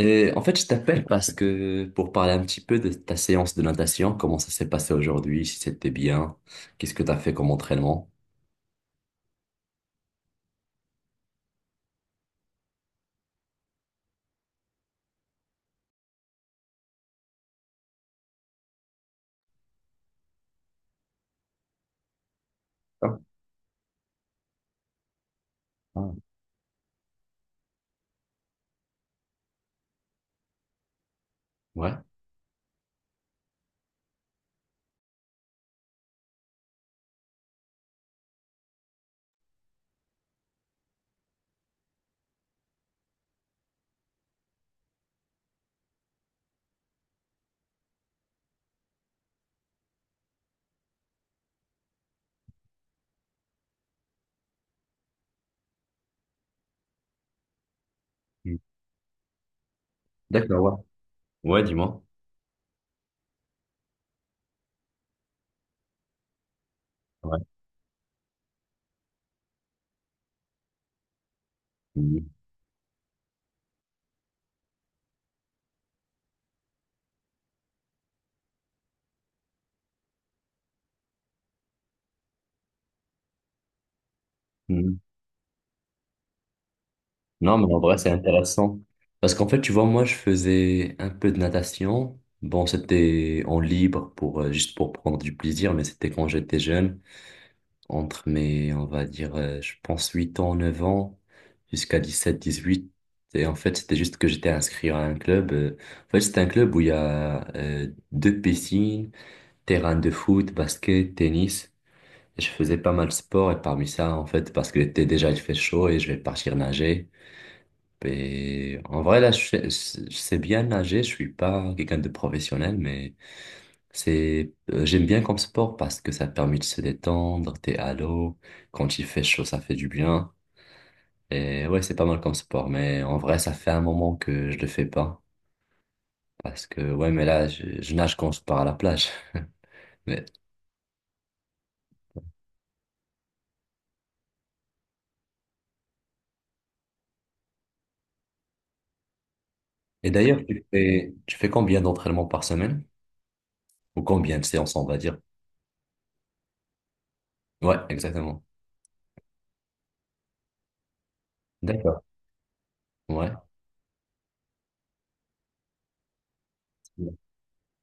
Et en fait, je t'appelle parce que pour parler un petit peu de ta séance de natation, comment ça s'est passé aujourd'hui, si c'était bien, qu'est-ce que tu as fait comme entraînement? Ah, ah, ouais. Mm. D'accord, ouais. Ouais, dis-moi. Ouais. Mm. Mm. Non, mais en vrai, c'est intéressant. Parce qu'en fait, tu vois, moi, je faisais un peu de natation. Bon, c'était en libre pour, juste pour prendre du plaisir, mais c'était quand j'étais jeune. Entre mes, on va dire, je pense 8 ans, 9 ans, jusqu'à 17 18. Et en fait, c'était juste que j'étais inscrit à un club. En fait, c'est un club où il y a deux piscines, terrain de foot, basket, tennis. Et je faisais pas mal de sport et parmi ça, en fait, parce que l'été déjà, il fait chaud et je vais partir nager. Et en vrai, là, je sais bien nager. Je suis pas quelqu'un de professionnel, mais c'est, j'aime bien comme sport parce que ça permet de se détendre, t'es à l'eau, quand il fait chaud, ça fait du bien. Et ouais, c'est pas mal comme sport, mais en vrai, ça fait un moment que je le fais pas. Parce que, ouais, mais là, je nage quand je pars à la plage. Mais... Et d'ailleurs, tu fais combien d'entraînements par semaine? Ou combien de séances, on va dire? Ouais, exactement. D'accord. Ouais.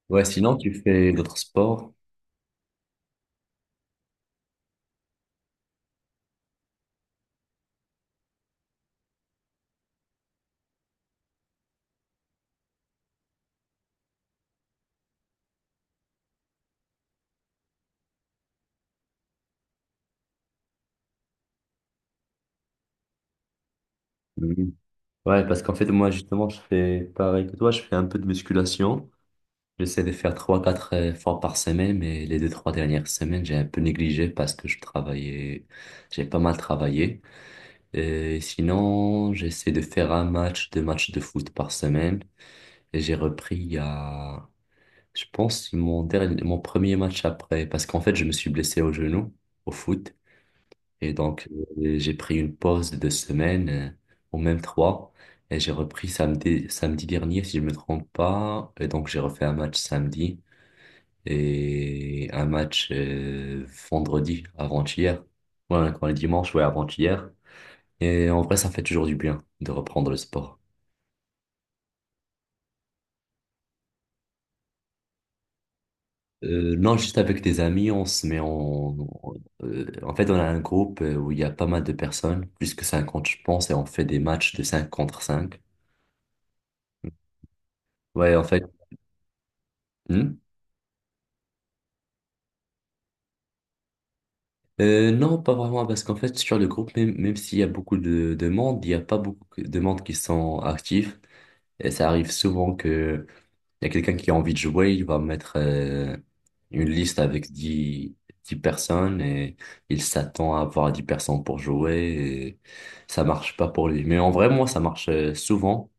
Ouais, sinon, tu fais d'autres sports? Mhm. Ouais, parce qu'en fait, moi, justement, je fais pareil que toi, je fais un peu de musculation. J'essaie de faire trois, quatre fois par semaine, mais les deux, trois dernières semaines, j'ai un peu négligé parce que je travaillais, j'ai pas mal travaillé. Et sinon, j'essaie de faire un match, deux matchs de foot par semaine. Et j'ai repris il y a, je pense, mon dernier, mon premier match après, parce qu'en fait, je me suis blessé au genou, au foot. Et donc, j'ai pris une pause de 2 semaines, ou même trois. Et j'ai repris samedi, samedi dernier, si je me trompe pas. Et donc, j'ai refait un match samedi et un match vendredi avant-hier. Ouais, quand on est dimanche, ouais, avant-hier. Et en vrai, ça fait toujours du bien de reprendre le sport. Non, juste avec des amis, on se met en fait, on a un groupe où il y a pas mal de personnes, plus que 50, je pense, et on fait des matchs de 5 contre cinq. Ouais, en fait. Hmm. Non, pas vraiment, parce qu'en fait, sur le groupe, même s'il y a beaucoup de monde, il n'y a pas beaucoup de monde qui sont actifs. Et ça arrive souvent que il y a quelqu'un qui a envie de jouer, il va mettre une liste avec dix personnes et il s'attend à avoir 10 personnes pour jouer et ça marche pas pour lui. Mais en vrai, moi, ça marche souvent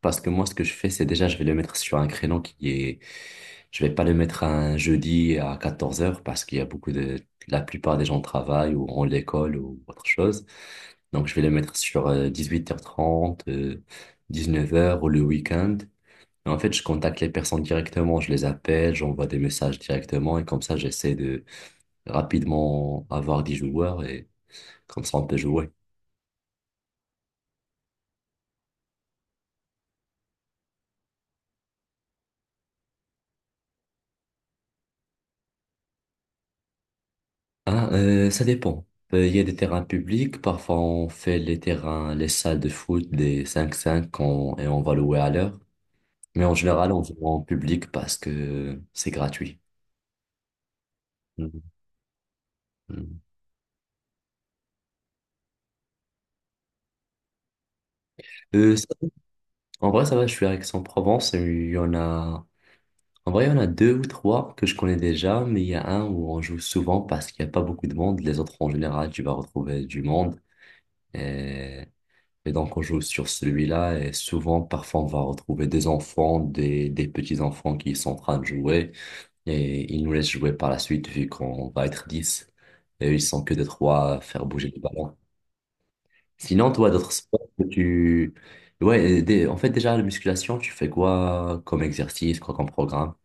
parce que moi, ce que je fais, c'est déjà, je vais le mettre sur un créneau qui est... Je vais pas le mettre un jeudi à 14h parce qu'il y a beaucoup de... La plupart des gens travaillent ou ont l'école ou autre chose. Donc, je vais le mettre sur 18h30 19h ou le week-end. Mais en fait, je contacte les personnes directement, je les appelle, j'envoie des messages directement et comme ça, j'essaie de rapidement avoir des joueurs et comme ça, on peut jouer. Ah, ça dépend. Il y a des terrains publics, parfois on fait les terrains, les salles de foot, des cinq cinq et on va louer à l'heure. Mais en général, on joue en public parce que c'est gratuit. Mhm. Euh, ça- en vrai, ça va, je suis à Aix-en-Provence et il y en a. En vrai, il y en a deux ou trois que je connais déjà, mais il y a un où on joue souvent parce qu'il n'y a pas beaucoup de monde. Les autres, en général, tu vas retrouver du monde. Et, et donc, on joue sur celui-là. Et souvent, parfois, on va retrouver des enfants, des petits-enfants qui sont en train de jouer. Et ils nous laissent jouer par la suite vu qu'on va être 10. Et eux, ils sont que des trois à faire bouger le ballon. Sinon, toi, d'autres sports que tu... Ouais, en fait, déjà, la musculation, tu fais quoi comme exercice, quoi comme programme?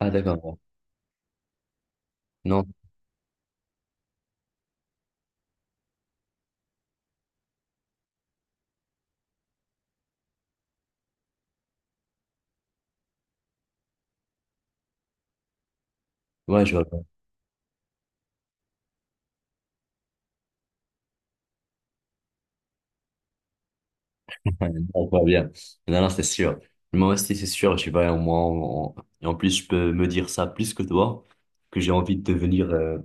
Ah, d'accord. Non. Ouais, je vois. Ouais, non, pas bien. Non, non, c'est sûr. Moi aussi, c'est sûr, tu vas au moins. Et en plus, je peux me dire ça plus que toi, que j'ai envie de devenir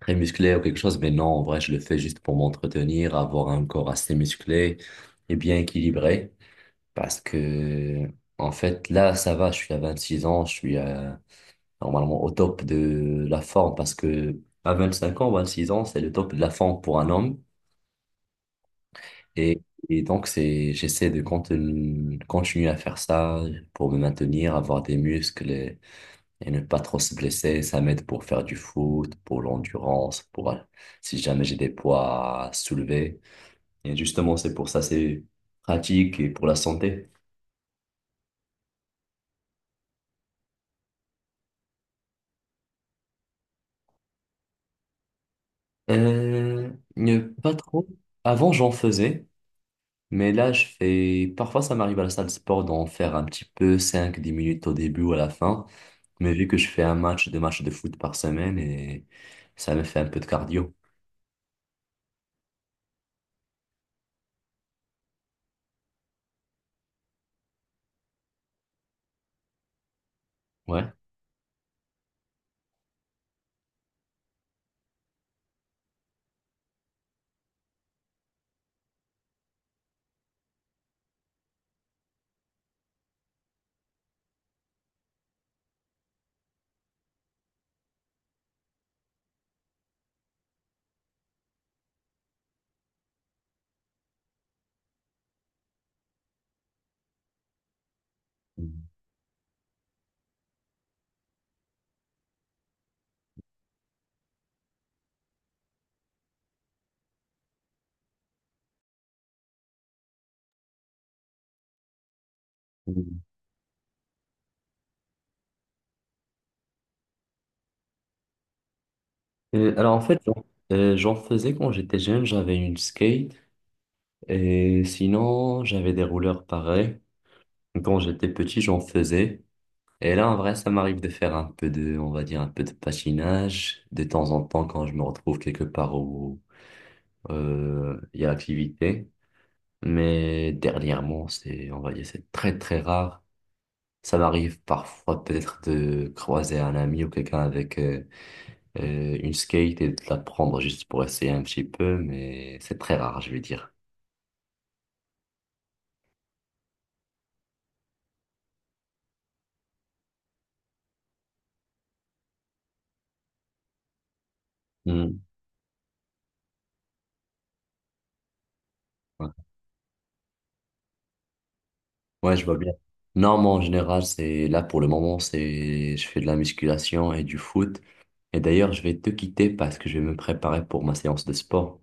très musclé ou quelque chose. Mais non, en vrai, je le fais juste pour m'entretenir, avoir un corps assez musclé et bien équilibré. Parce que, en fait, là, ça va, je suis à 26 ans, je suis normalement au top de la forme. Parce que à 25 ans, 26 ans, c'est le top de la forme pour un homme. Et, et donc, c'est, j'essaie de continuer à faire ça pour me maintenir, avoir des muscles et ne pas trop se blesser. Ça m'aide pour faire du foot, pour l'endurance, pour si jamais j'ai des poids à soulever. Et justement, c'est pour ça, c'est pratique et pour la santé. Ne pas trop. Avant, j'en faisais, mais là, je fais. Parfois, ça m'arrive à la salle de sport d'en faire un petit peu, cinq dix minutes au début ou à la fin. Mais vu que je fais un match, deux matchs de foot par semaine et ça me fait un peu de cardio. Ouais. Mhm. Alors en fait, j'en faisais quand j'étais jeune, j'avais une skate et sinon j'avais des rouleurs pareils. Quand j'étais petit, j'en faisais. Et là, en vrai, ça m'arrive de faire un peu de, on va dire, un peu de patinage de temps en temps quand je me retrouve quelque part où il y a activité. Mais dernièrement, c'est, on va dire, c'est très très rare. Ça m'arrive parfois peut-être de croiser un ami ou quelqu'un avec une skate et de la prendre juste pour essayer un petit peu, mais c'est très rare, je vais dire. Hmm. Ouais. Ouais, je vois bien. Non, moi en général, c'est là pour le moment, c'est je fais de la musculation et du foot. Et d'ailleurs, je vais te quitter parce que je vais me préparer pour ma séance de sport.